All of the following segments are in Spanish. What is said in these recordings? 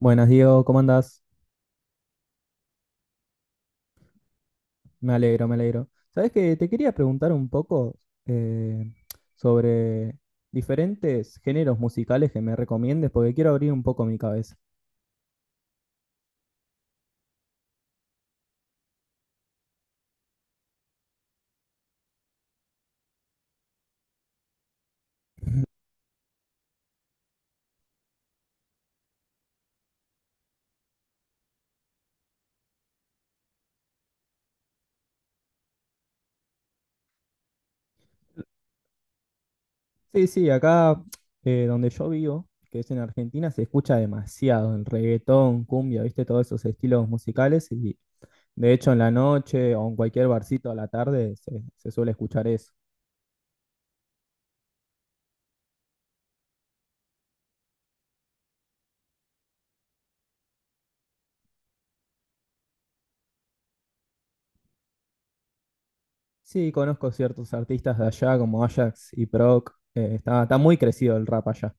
Buenas, Diego, ¿cómo andás? Me alegro, me alegro. Sabes que te quería preguntar un poco eh, sobre diferentes géneros musicales que me recomiendes, porque quiero abrir un poco mi cabeza. Sí, sí, acá donde yo vivo, que es en Argentina, se escucha demasiado el reggaetón, cumbia, viste, todos esos estilos musicales, y de hecho en la noche o en cualquier barcito a la tarde se suele escuchar eso. Sí, conozco ciertos artistas de allá como Ajax y Proc. Está muy crecido el rap allá.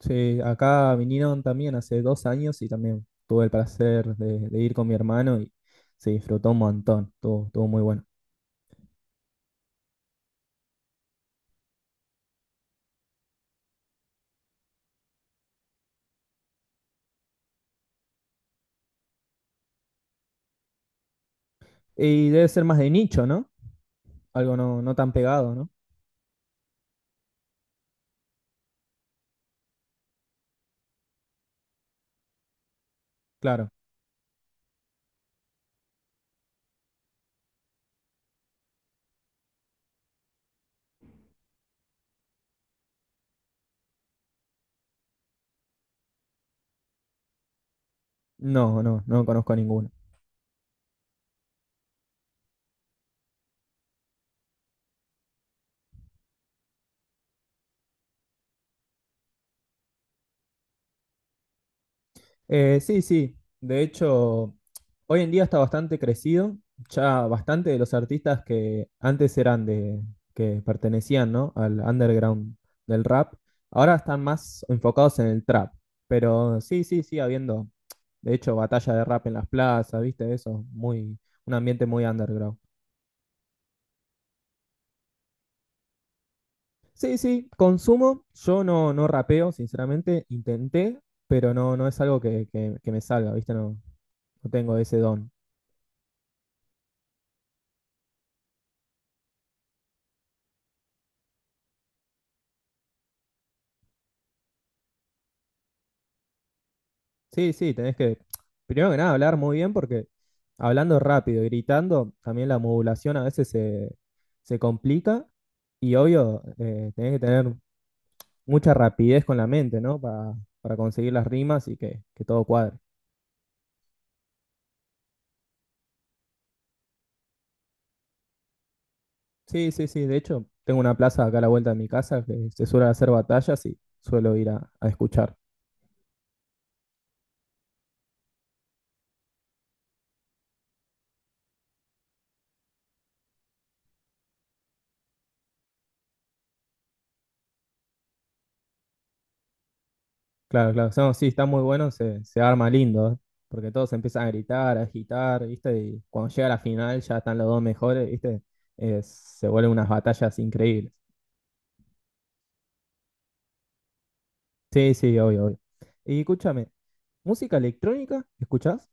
Sí, acá vinieron también hace 2 años y también tuve el placer de ir con mi hermano y se disfrutó un montón, estuvo muy bueno. Y debe ser más de nicho, ¿no? Algo no tan pegado, ¿no? Claro, no, no, no conozco ninguno. Sí, sí. De hecho, hoy en día está bastante crecido. Ya bastante de los artistas que antes eran que pertenecían, ¿no? al underground del rap, ahora están más enfocados en el trap. Pero sí, sí, sí, habiendo, de hecho, batalla de rap en las plazas, ¿viste? Eso, un ambiente muy underground. Sí, sí, consumo. Yo no rapeo, sinceramente. Intenté, pero no, no es algo que me salga, ¿viste? No, no tengo ese don. Sí, sí, tenés que, primero que nada, hablar muy bien porque hablando rápido, y gritando, también la modulación a veces se complica y obvio, tenés que tener mucha rapidez con la mente, ¿no? Para conseguir las rimas y que todo cuadre. Sí, sí, sí, de hecho, tengo una plaza acá a la vuelta de mi casa que se suele hacer batallas y suelo ir a escuchar. Claro, claro. No, sí, está muy bueno, se arma lindo, ¿eh? Porque todos empiezan a gritar, a agitar, ¿viste? Y cuando llega la final ya están los dos mejores, ¿viste? Se vuelven unas batallas increíbles. Sí, sí, obvio, obvio. Y escúchame, ¿música electrónica? ¿Escuchás?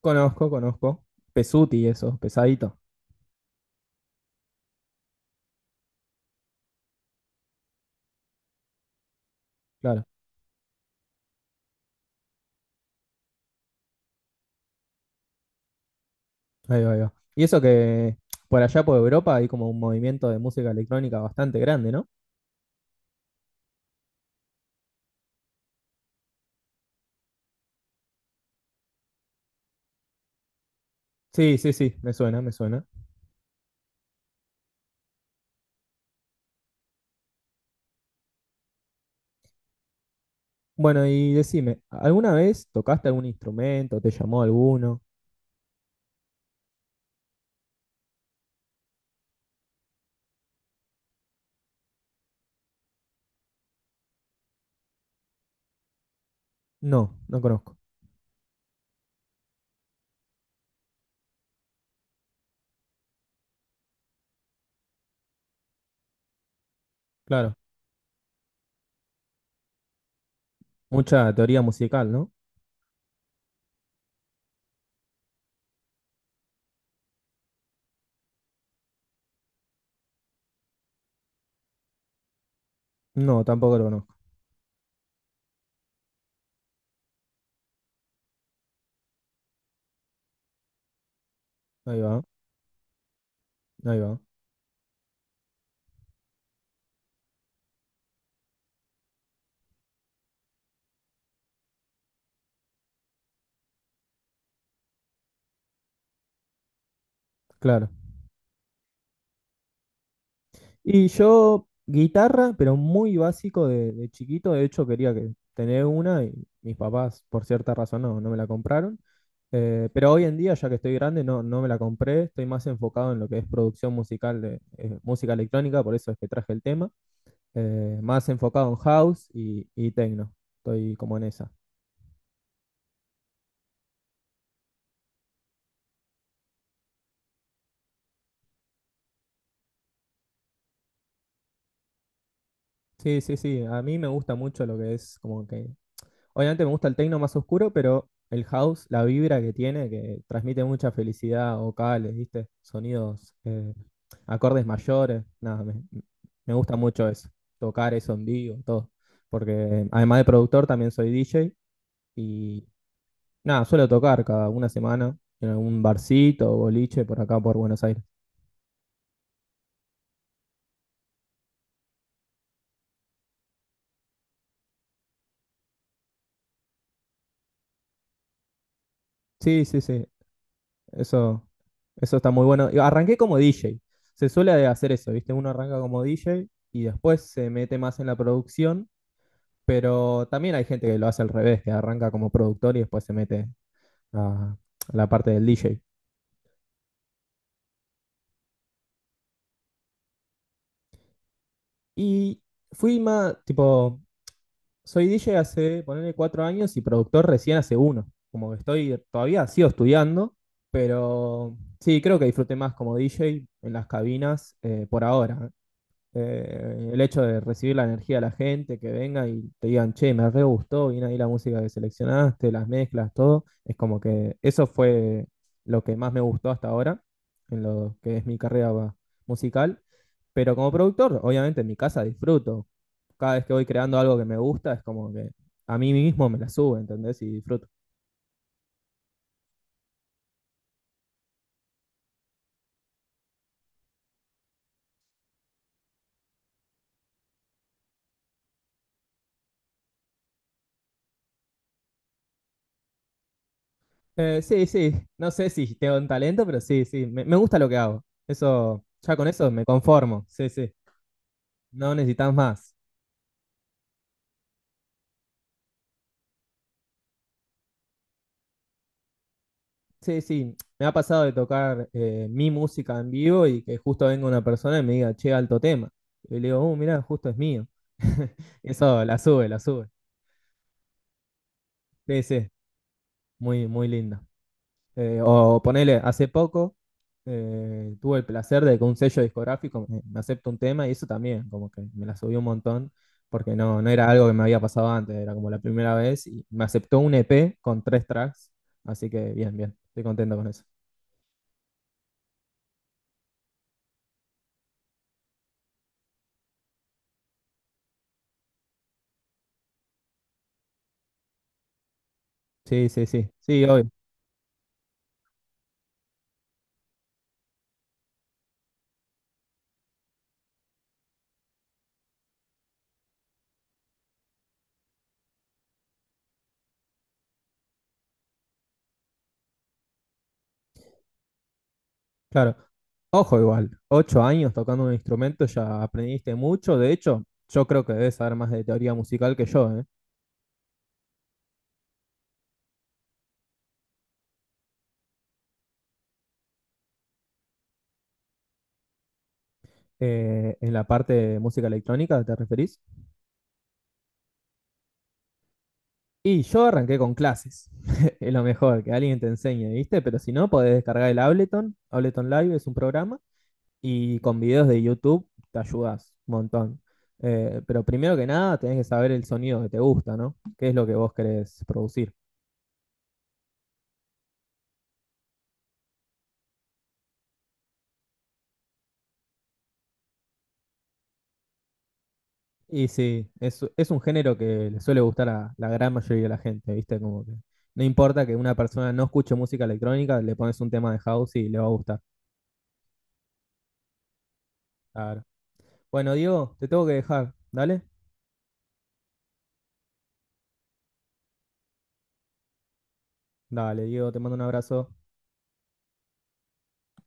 Conozco, conozco. Pesuti, eso, pesadito. Claro, ahí va, ahí va. Y eso que por allá por Europa hay como un movimiento de música electrónica bastante grande, ¿no? Sí, sí, sí, me suena, me suena. Bueno, y decime, ¿alguna vez tocaste algún instrumento? ¿Te llamó alguno? No, no conozco. Claro. Mucha teoría musical, ¿no? No, tampoco lo conozco. Ahí va, ahí va. Claro. Y yo, guitarra, pero muy básico de chiquito. De hecho, quería que tener una y mis papás, por cierta razón, no me la compraron. Pero hoy en día, ya que estoy grande, no me la compré. Estoy más enfocado en lo que es producción musical de música electrónica, por eso es que traje el tema. Más enfocado en house y techno. Estoy como en esa. Sí, sí, sí. A mí me gusta mucho lo que es como que. Obviamente me gusta el techno más oscuro, pero el house, la vibra que tiene, que transmite mucha felicidad, vocales, ¿viste? Sonidos, acordes mayores. Nada, me gusta mucho eso. Tocar eso en vivo, todo. Porque además de productor, también soy DJ y nada, suelo tocar cada una semana en algún barcito o boliche por acá por Buenos Aires. Sí, sí, sí. Eso, eso está muy bueno. Y arranqué como DJ. Se suele hacer eso, ¿viste? Uno arranca como DJ y después se mete más en la producción, pero también hay gente que lo hace al revés, que arranca como productor y después se mete a, a la parte del DJ. Y fui más, tipo, soy DJ hace, ponerle 4 años y productor recién hace uno. Como que estoy, todavía sigo estudiando, pero sí, creo que disfruté más como DJ en las cabinas por ahora. El hecho de recibir la energía de la gente, que venga y te digan, che, me re gustó, viene ahí la música que seleccionaste, las mezclas, todo. Es como que eso fue lo que más me gustó hasta ahora, en lo que es mi carrera musical. Pero como productor, obviamente en mi casa disfruto. Cada vez que voy creando algo que me gusta, es como que a mí mismo me la subo, ¿entendés? Y disfruto. Sí, sí, no sé si tengo un talento, pero sí, sí, me gusta lo que hago. Eso, ya con eso me conformo, sí, sí. No necesitas más. Sí, sí, me ha pasado de tocar mi música en vivo y que justo venga una persona y me diga, che, alto tema. Y le digo, mirá, justo es mío. Eso la sube, la sube. Sí, sí, muy, muy linda. O ponele, hace poco tuve el placer de que un sello discográfico me acepte un tema y eso también, como que me la subió un montón, porque no era algo que me había pasado antes, era como la primera vez y me aceptó un EP con tres tracks, así que bien, bien, estoy contento con eso. Sí, sí, sí, sí, obvio. Claro. Ojo igual, 8 años tocando un instrumento, ya aprendiste mucho. De hecho, yo creo que debes saber más de teoría musical que yo, ¿eh? En la parte de música electrónica, ¿te referís? Y yo arranqué con clases. Es lo mejor, que alguien te enseñe, ¿viste? Pero si no, podés descargar el Ableton. Ableton Live es un programa y con videos de YouTube te ayudas un montón. Pero primero que nada, tenés que saber el sonido que te gusta, ¿no? ¿Qué es lo que vos querés producir? Y sí, es un género que le suele gustar a la gran mayoría de la gente, ¿viste? Como que no importa que una persona no escuche música electrónica, le pones un tema de house y le va a gustar. Claro. Bueno, Diego, te tengo que dejar, ¿dale? Dale, Diego, te mando un abrazo.